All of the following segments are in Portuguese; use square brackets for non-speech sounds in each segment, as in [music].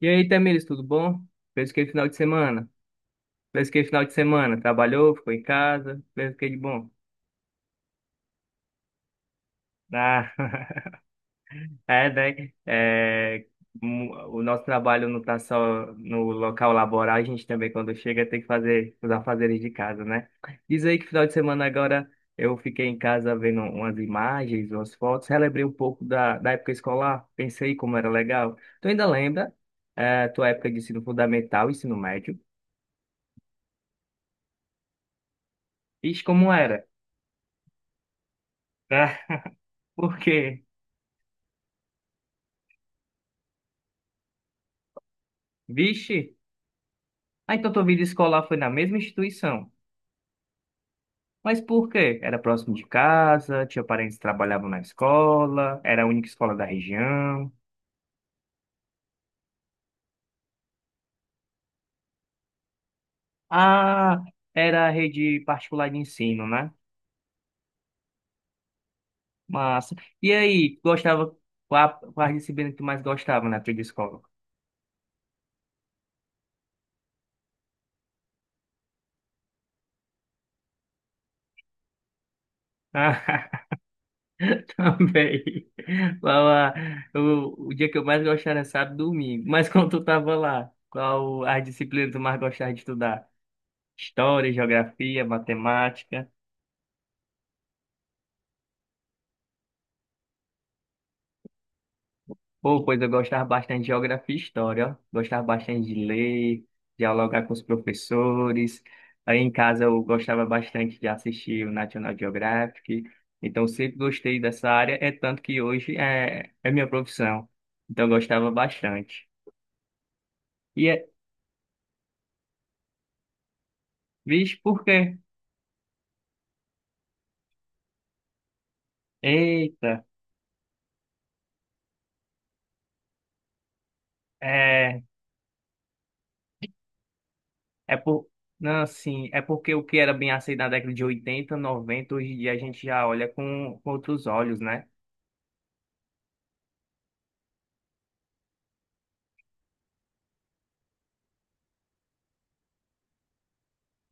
E aí, Tamires, tudo bom? Fez o que final de semana? Fez o que final de semana? Trabalhou, ficou em casa? Fez o que de bom? Ah, [laughs] é, né? É, o nosso trabalho não está só no local laboral, a gente também, quando chega, tem que fazer os afazeres de casa, né? Diz aí que final de semana agora eu fiquei em casa vendo umas imagens, umas fotos, relembrei um pouco da época escolar, pensei como era legal. Tu ainda lembra, é, tua época de ensino fundamental, ensino médio? Ixi, como era? [laughs] Por quê? Vixe! Ah, então tua vida escolar foi na mesma instituição. Mas por quê? Era próximo de casa, tinha parentes que trabalhavam na escola, era a única escola da região. Ah, era a rede particular de ensino, né? Massa. E aí, gostava, qual a disciplina que tu mais gostava na naquela escola? Ah, [laughs] também. Lá, lá, o dia que eu mais gostava era sábado e domingo. Mas quando tu tava lá, qual a disciplina que tu mais gostava de estudar? História, geografia, matemática. Pô, pois eu gostava bastante de geografia e história, ó. Gostava bastante de ler, dialogar com os professores. Aí em casa eu gostava bastante de assistir o National Geographic. Então sempre gostei dessa área, é tanto que hoje é minha profissão. Então eu gostava bastante. E é, vixe, por quê? Eita, é, é por. Não, assim, é porque o que era bem aceito na década de 80, 90 hoje em dia a gente já olha com outros olhos, né?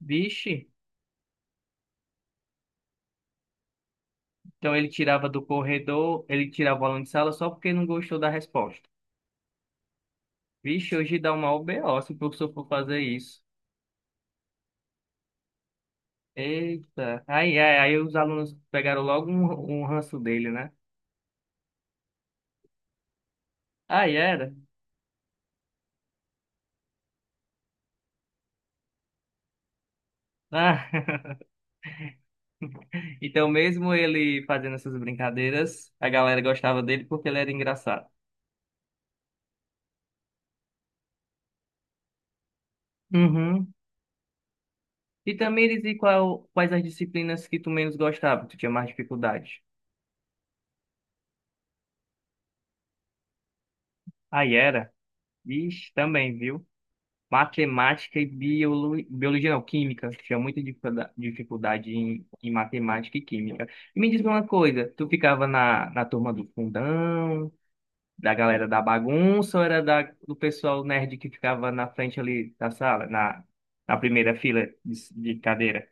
Vixe, então ele tirava do corredor, ele tirava o aluno de sala só porque não gostou da resposta. Vixe, hoje dá uma OBO se o professor for fazer isso. Eita, aí os alunos pegaram logo um ranço dele, né? Aí era. Ah, [laughs] Então, mesmo ele fazendo essas brincadeiras, a galera gostava dele porque ele era engraçado. Uhum. E também eles qual, quais as disciplinas que tu menos gostava, que tu tinha mais dificuldade? Aí era. Vixe, também, viu? Matemática e biologia, não, química. Tinha muita dificuldade em matemática e química. E me diz uma coisa, tu ficava na turma do fundão, da galera da bagunça, ou era do pessoal nerd que ficava na frente ali da sala, na primeira fila de cadeira?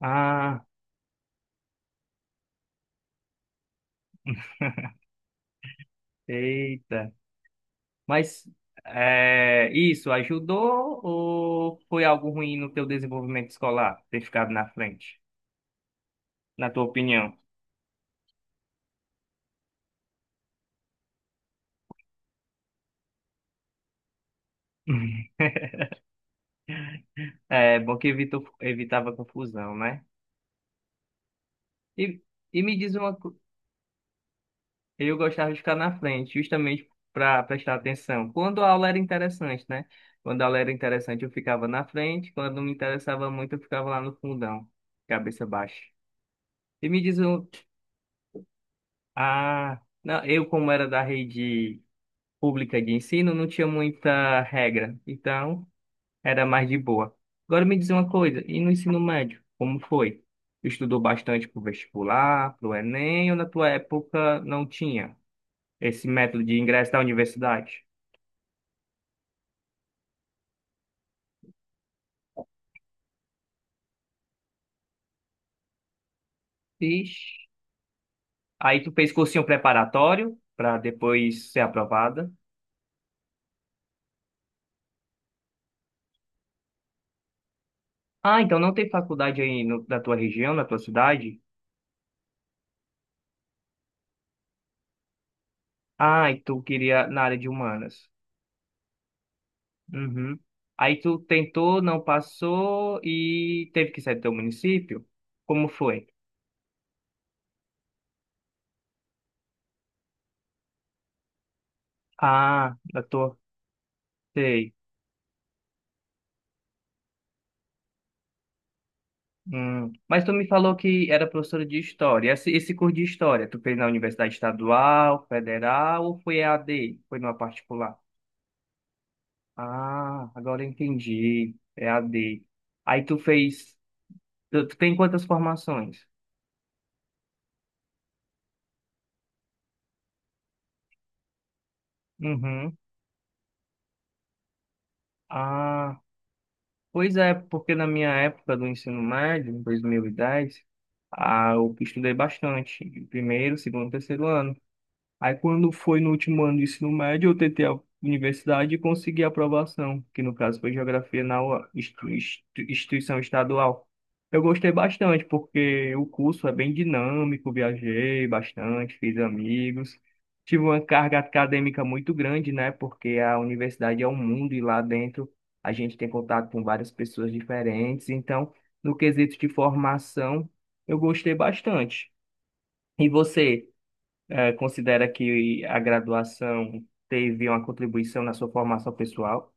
Ah, eita. Mas é, isso ajudou ou foi algo ruim no teu desenvolvimento escolar, ter ficado na frente, na tua opinião? [laughs] É bom que evitou, evitava confusão, né? E, e me diz uma coisa, eu gostava de ficar na frente, justamente para prestar atenção. Quando a aula era interessante, né? Quando a aula era interessante, eu ficava na frente, quando não me interessava muito, eu ficava lá no fundão, cabeça baixa. E me diz um, ah, não, eu como era da rede pública de ensino, não tinha muita regra. Então, era mais de boa. Agora me diz uma coisa, e no ensino médio, como foi? Tu estudou bastante pro vestibular, pro Enem, ou na tua época não tinha esse método de ingresso da universidade? Ixi. Aí tu fez cursinho preparatório para depois ser aprovada. Ah, então não tem faculdade aí na tua região, na tua cidade? Ah, e tu queria na área de humanas. Uhum. Aí tu tentou, não passou e teve que sair do teu município? Como foi? Ah, da tua. Sei. Hum. Mas tu me falou que era professora de história. Esse curso de história, tu fez na Universidade Estadual, Federal ou foi E a d, foi numa particular? Ah, agora eu entendi. É A d. Aí tu fez. Tu tem quantas formações? Uhum. Ah, pois é, porque na minha época do ensino médio, em 2010, eu estudei bastante. Primeiro, segundo, terceiro ano. Aí quando foi no último ano do ensino médio, eu tentei a universidade e consegui a aprovação, que no caso foi geografia na UA, instituição estadual. Eu gostei bastante, porque o curso é bem dinâmico, viajei bastante, fiz amigos. Tive uma carga acadêmica muito grande, né? Porque a universidade é um mundo e lá dentro a gente tem contato com várias pessoas diferentes. Então, no quesito de formação, eu gostei bastante. E você? Considera que a graduação teve uma contribuição na sua formação pessoal?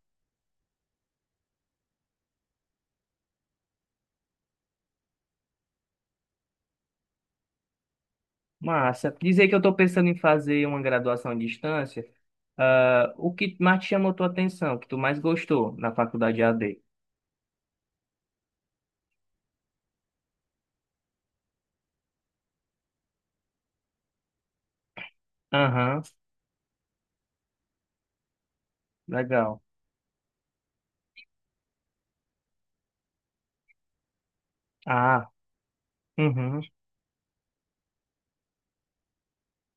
Massa. Dizer que eu estou pensando em fazer uma graduação à distância, ah, o que mais te chamou tua atenção, o que tu mais gostou na faculdade AD? Aham, legal. Ah, uhum,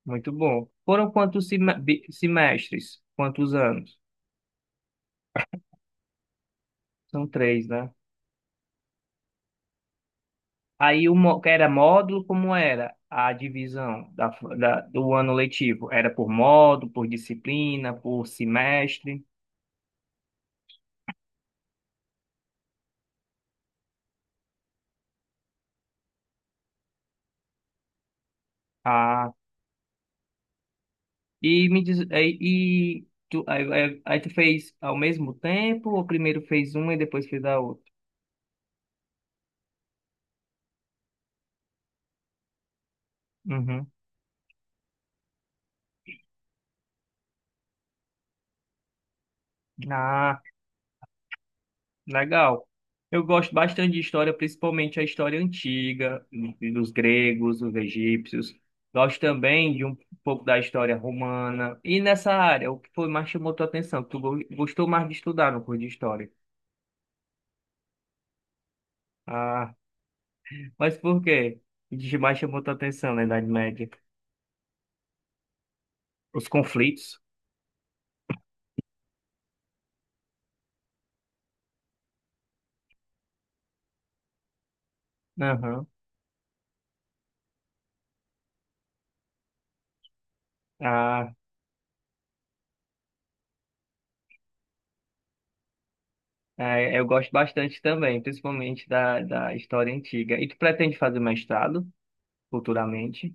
muito bom. Foram quantos semestres? Quantos anos? São três, né? Aí o que era módulo, como era a divisão do ano letivo? Era por módulo, por disciplina, por semestre. Ah, e me diz, e tu, aí tu fez ao mesmo tempo, ou primeiro fez uma e depois fez a outra? Uhum. Legal. Eu gosto bastante de história, principalmente a história antiga, dos gregos, dos egípcios. Gosto também de um pouco da história romana. E nessa área, o que foi mais chamou tua atenção? Tu gostou mais de estudar no curso de história? Ah, mas por quê? O que mais chamou tua atenção na Idade Média? Os conflitos. Aham. Ah, é, eu gosto bastante também, principalmente da história antiga. E tu pretende fazer mestrado futuramente?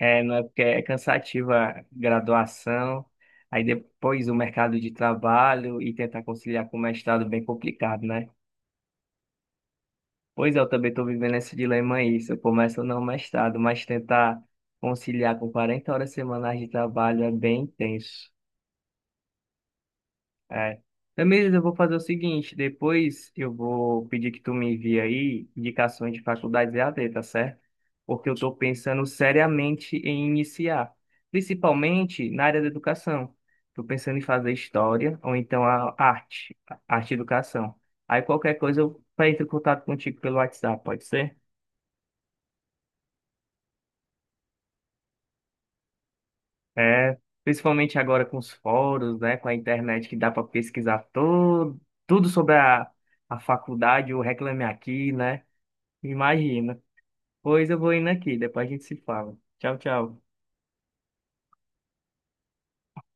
É, não é porque é cansativa a graduação, aí depois o mercado de trabalho e tentar conciliar com o mestrado é bem complicado, né? Pois é, eu também estou vivendo esse dilema aí, se eu começo ou não o mestrado, mas tentar conciliar com 40 horas semanais de trabalho é bem intenso. É. Tamires, eu vou fazer o seguinte, depois eu vou pedir que tu me envie aí indicações de faculdades e EAD, tá certo? Porque eu estou pensando seriamente em iniciar, principalmente na área da educação. Estou pensando em fazer história ou então a arte, arte e educação. Aí qualquer coisa eu entro em contato contigo pelo WhatsApp, pode ser? É, principalmente agora com os fóruns, né, com a internet que dá para pesquisar todo, tudo sobre a faculdade, o Reclame Aqui, né? Imagina. Pois eu vou indo aqui, depois a gente se fala. Tchau, tchau.